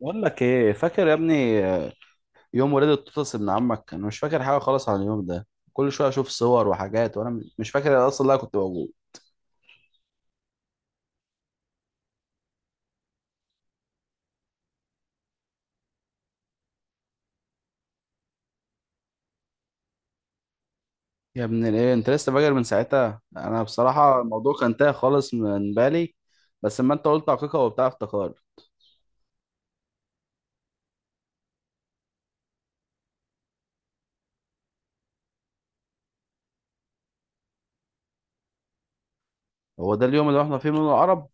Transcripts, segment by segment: بقول لك ايه فاكر يا ابني؟ يوم ولادة توتس ابن عمك، انا مش فاكر حاجه خالص عن اليوم ده. كل شويه اشوف صور وحاجات وانا مش فاكر اصلا لا كنت موجود. يا ابن الايه، انت لسه فاكر من ساعتها؟ انا بصراحه الموضوع كان تايه خالص من بالي، بس اما انت قلت عقيقه وبتاع افتكار. هو ده اليوم اللي رحنا فيه من العرب؟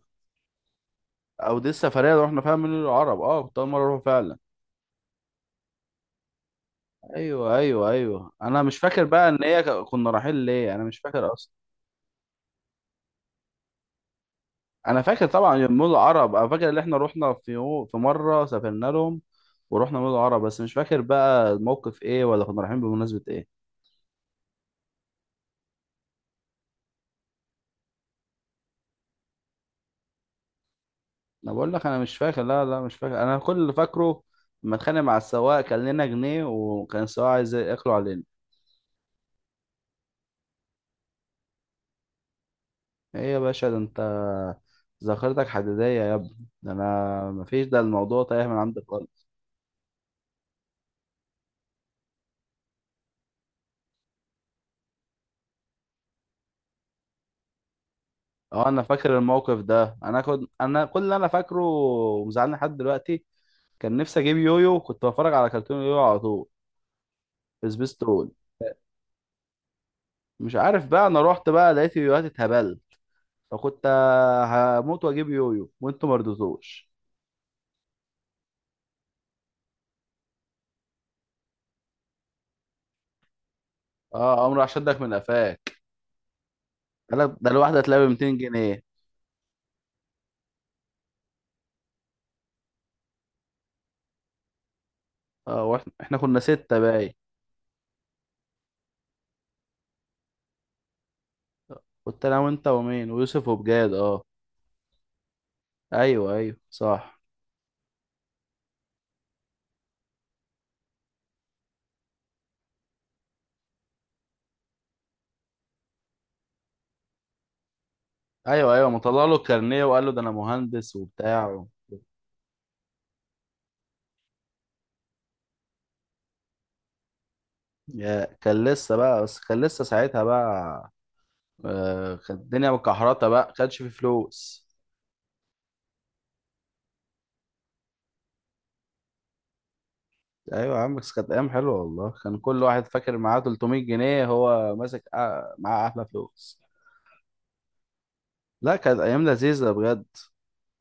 او دي السفريه اللي رحنا فيها من العرب. اه، كنت اول مره اروح فعلا. ايوه، ايوه، ايوه، انا مش فاكر بقى ان هي كنا رايحين ليه. انا مش فاكر. انا فاكر طبعا مول العرب. انا فاكر ان احنا رحنا في في مره سافرنا لهم ورحنا مول العرب، بس مش فاكر بقى الموقف ايه، ولا كنا رايحين بمناسبه ايه. انا بقول لك انا مش فاكر. لا، لا، مش فاكر. انا كل اللي فاكره لما اتخانق مع السواق، كان لنا جنيه وكان السواق عايز ياكله علينا. ايه يا باشا؟ ده انت ذاكرتك حديديه يا ابني. ده انا مفيش، ده الموضوع تايه من عندك خالص. اه، انا فاكر الموقف ده. انا كنت، انا كل اللي انا فاكره ومزعلني لحد دلوقتي، كان نفسي اجيب يويو. كنت بتفرج على كرتون يويو على طول، سبيستون. مش عارف بقى، انا رحت بقى لقيت يويوهات اتهبل، فكنت هموت واجيب يويو وانتوا ما رضيتوش. اه، قام راح شدك من قفاك. قال لك ده الواحده هتلاقي ب 200 جنيه. اه، واحنا كنا سته باي. كنت انا وانت ومين، ويوسف، وبجاد. اه، ايوه، ايوه، صح. ايوه، ايوه، ما طلع له الكارنيه وقال له ده انا مهندس وبتاع. يا كان لسه بقى، بس كان لسه ساعتها بقى آه، كانت الدنيا مكحرته بقى، كانش في فلوس. ايوه يا عم، بس كانت ايام حلوه والله. كان كل واحد فاكر معاه 300 جنيه هو ماسك، معاه احلى فلوس. لا، كانت ايام لذيذه بجد.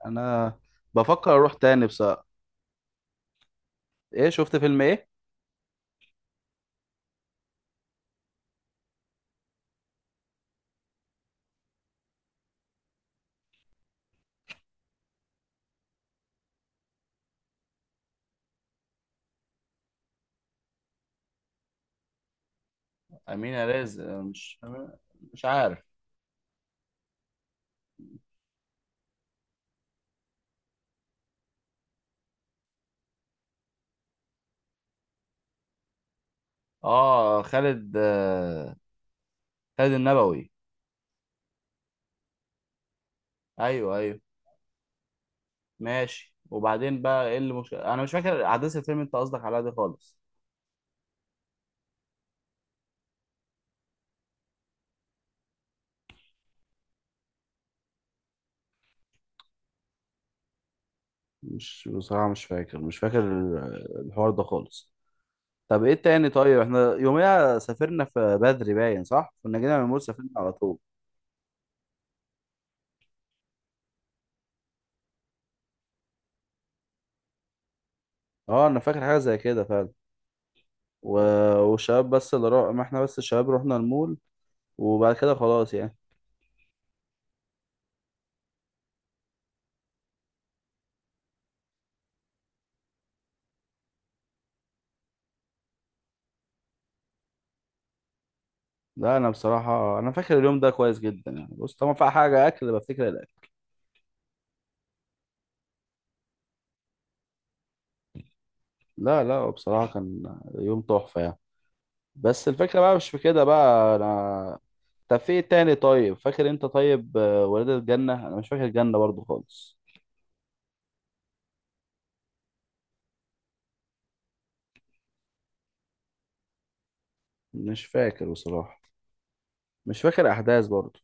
انا بفكر اروح تاني بصراحه. ايه؟ شفت فيلم ايه؟ امينه رزق؟ مش... مش عارف. اه، خالد، خالد النبوي. ايوه، ايوه. ماشي، وبعدين بقى ايه؟ اللي مش، انا مش فاكر احداث الفيلم. انت قصدك على دي خالص؟ مش بصراحه، مش فاكر الحوار ده خالص. طب ايه التاني؟ طيب، احنا يوميها سافرنا في بدري باين صح. كنا جينا من المول، سافرنا على طول. اه، انا فاكر حاجه زي كده فعلا. و... والشباب بس اللي ما احنا بس الشباب رحنا المول، وبعد كده خلاص يعني. لا، انا بصراحه انا فاكر اليوم ده كويس جدا يعني. بص، طبعا في حاجه اكل، بفتكر الاكل. لا، لا، بصراحه كان يوم تحفه يعني، بس الفكره بقى مش في كده بقى انا. طب في ايه تاني؟ طيب فاكر انت؟ طيب ولاد الجنه، انا مش فاكر الجنه برضو خالص. مش فاكر بصراحه. مش فاكر احداث برضو.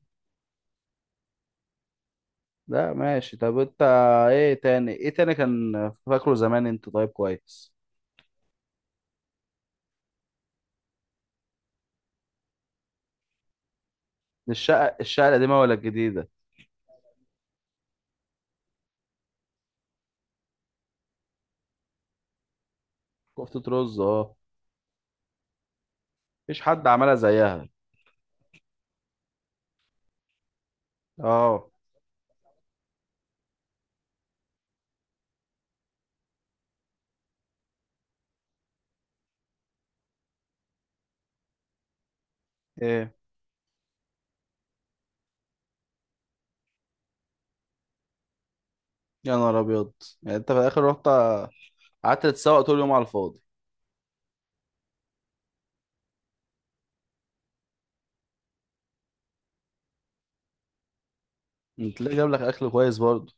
لا، ماشي. طب انت؟ ايه تاني كان فاكره زمان انت؟ طيب، كويس. الشقة القديمة ولا الجديدة؟ كفتة رز، اه. مفيش حد عملها زيها. اه. ايه؟ يا نهار ابيض. يعني انت في الاخر رحت، قعدت تتسوق طول اليوم على الفاضي؟ انت ليه جاب لك اكل كويس برضه؟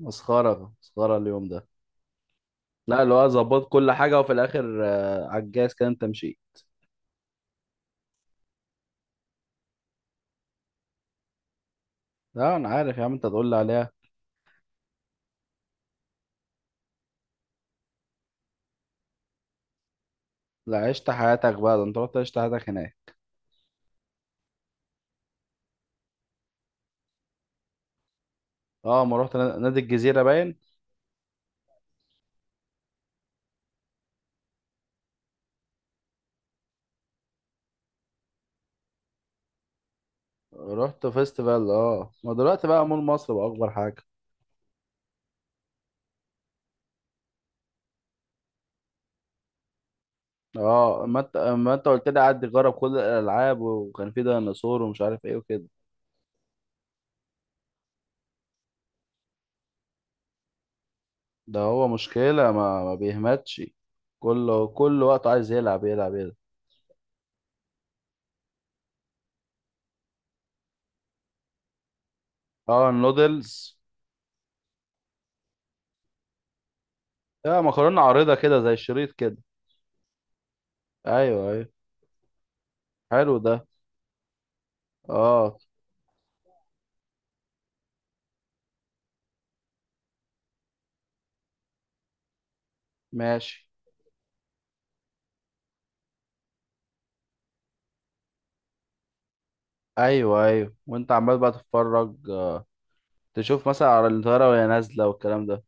مسخرة، مسخرة اليوم ده. لا، اللي هو ظبط كل حاجة، وفي الاخر على الجاز كده انت مشيت. لا، انا عارف يا عم، انت تقول لي عليها. لا، عشت حياتك بقى. ده انت رحت عشت حياتك هناك. اه، ما رحت نادي الجزيرة باين. رحت فيستيفال. اه، ما دلوقتي بقى مول مصر بقى اكبر حاجه. اه، ما انت قلت لي قعد يجرب كل الالعاب، وكان في ديناصور ومش عارف ايه وكده. ده هو مشكله، ما بيهمتش. كل وقت عايز يلعب يلعب يلعب. اه، النودلز. اه، مكرونه عريضه كده زي الشريط كده. ايوه، ايوه، حلو ده. اه، ماشي. ايوه، ايوه، وانت عمال بقى تتفرج تشوف مثلا على الطياره وهي نازله والكلام ده؟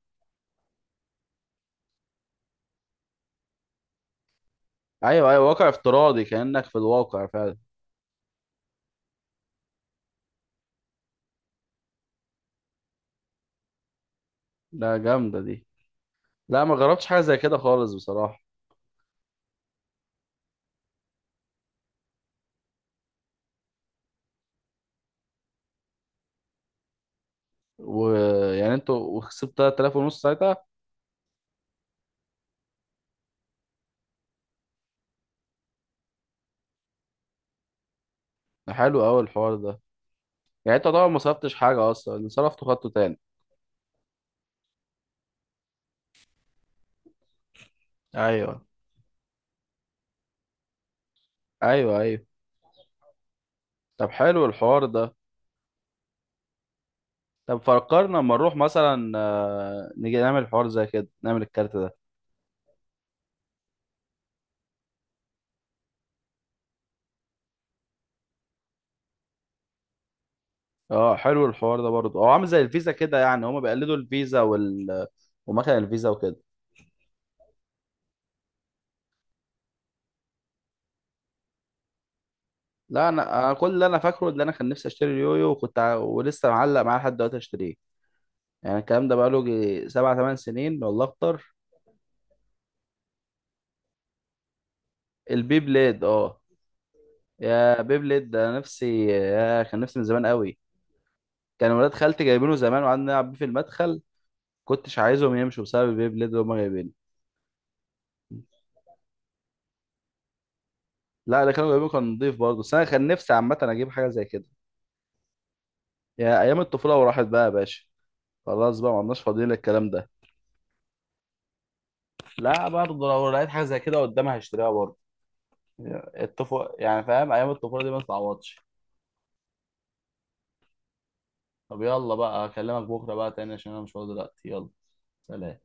ايوه، ايوه، واقع افتراضي، كانك في الواقع فعلا. لا، جامده دي. لا، ما جربتش حاجه زي كده خالص بصراحه. ويعني انتوا وكسبت 3000 ونص ساعتها؟ حلو قوي الحوار ده. يعني انت طبعا ما صرفتش حاجه اصلا، اللي صرفته خدته تاني. ايوه، ايوه، ايوه. طب حلو الحوار ده. طب فكرنا اما نروح مثلا، نيجي نعمل حوار زي كده، نعمل الكارت ده. اه، حلو الحوار ده برضه. هو عامل زي الفيزا كده يعني، هما بيقلدوا الفيزا ومكان الفيزا وكده. لا، انا كل اللي انا فاكره، اللي انا كان نفسي اشتري اليويو، وكنت ولسه معلق معاه لحد دلوقتي اشتريه. يعني الكلام ده بقاله 7 8 سنين والله اكتر. البي بليد، اه. يا بي بليد ده، نفسي، يا كان نفسي من زمان قوي. كان ولاد خالتي جايبينه زمان، وقعدنا نلعب بيه في المدخل. كنتش عايزهم يمشوا بسبب البي بليد اللي هم جايبينه. لا، اللي كانوا جايبينه كان نضيف برضه، بس انا كان نفسي عامه اجيب حاجه زي كده. يا ايام الطفوله، وراحت بقى يا باشا. خلاص بقى، ما عدناش فاضيين للكلام ده. لا برضه، لو لقيت حاجه زي كده قدامها هشتريها برضه. الطفوله يعني، فاهم، ايام الطفوله دي ما تتعوضش. طب يلا بقى، اكلمك بكره بقى تاني، عشان انا مش فاضي دلوقتي. يلا، سلام.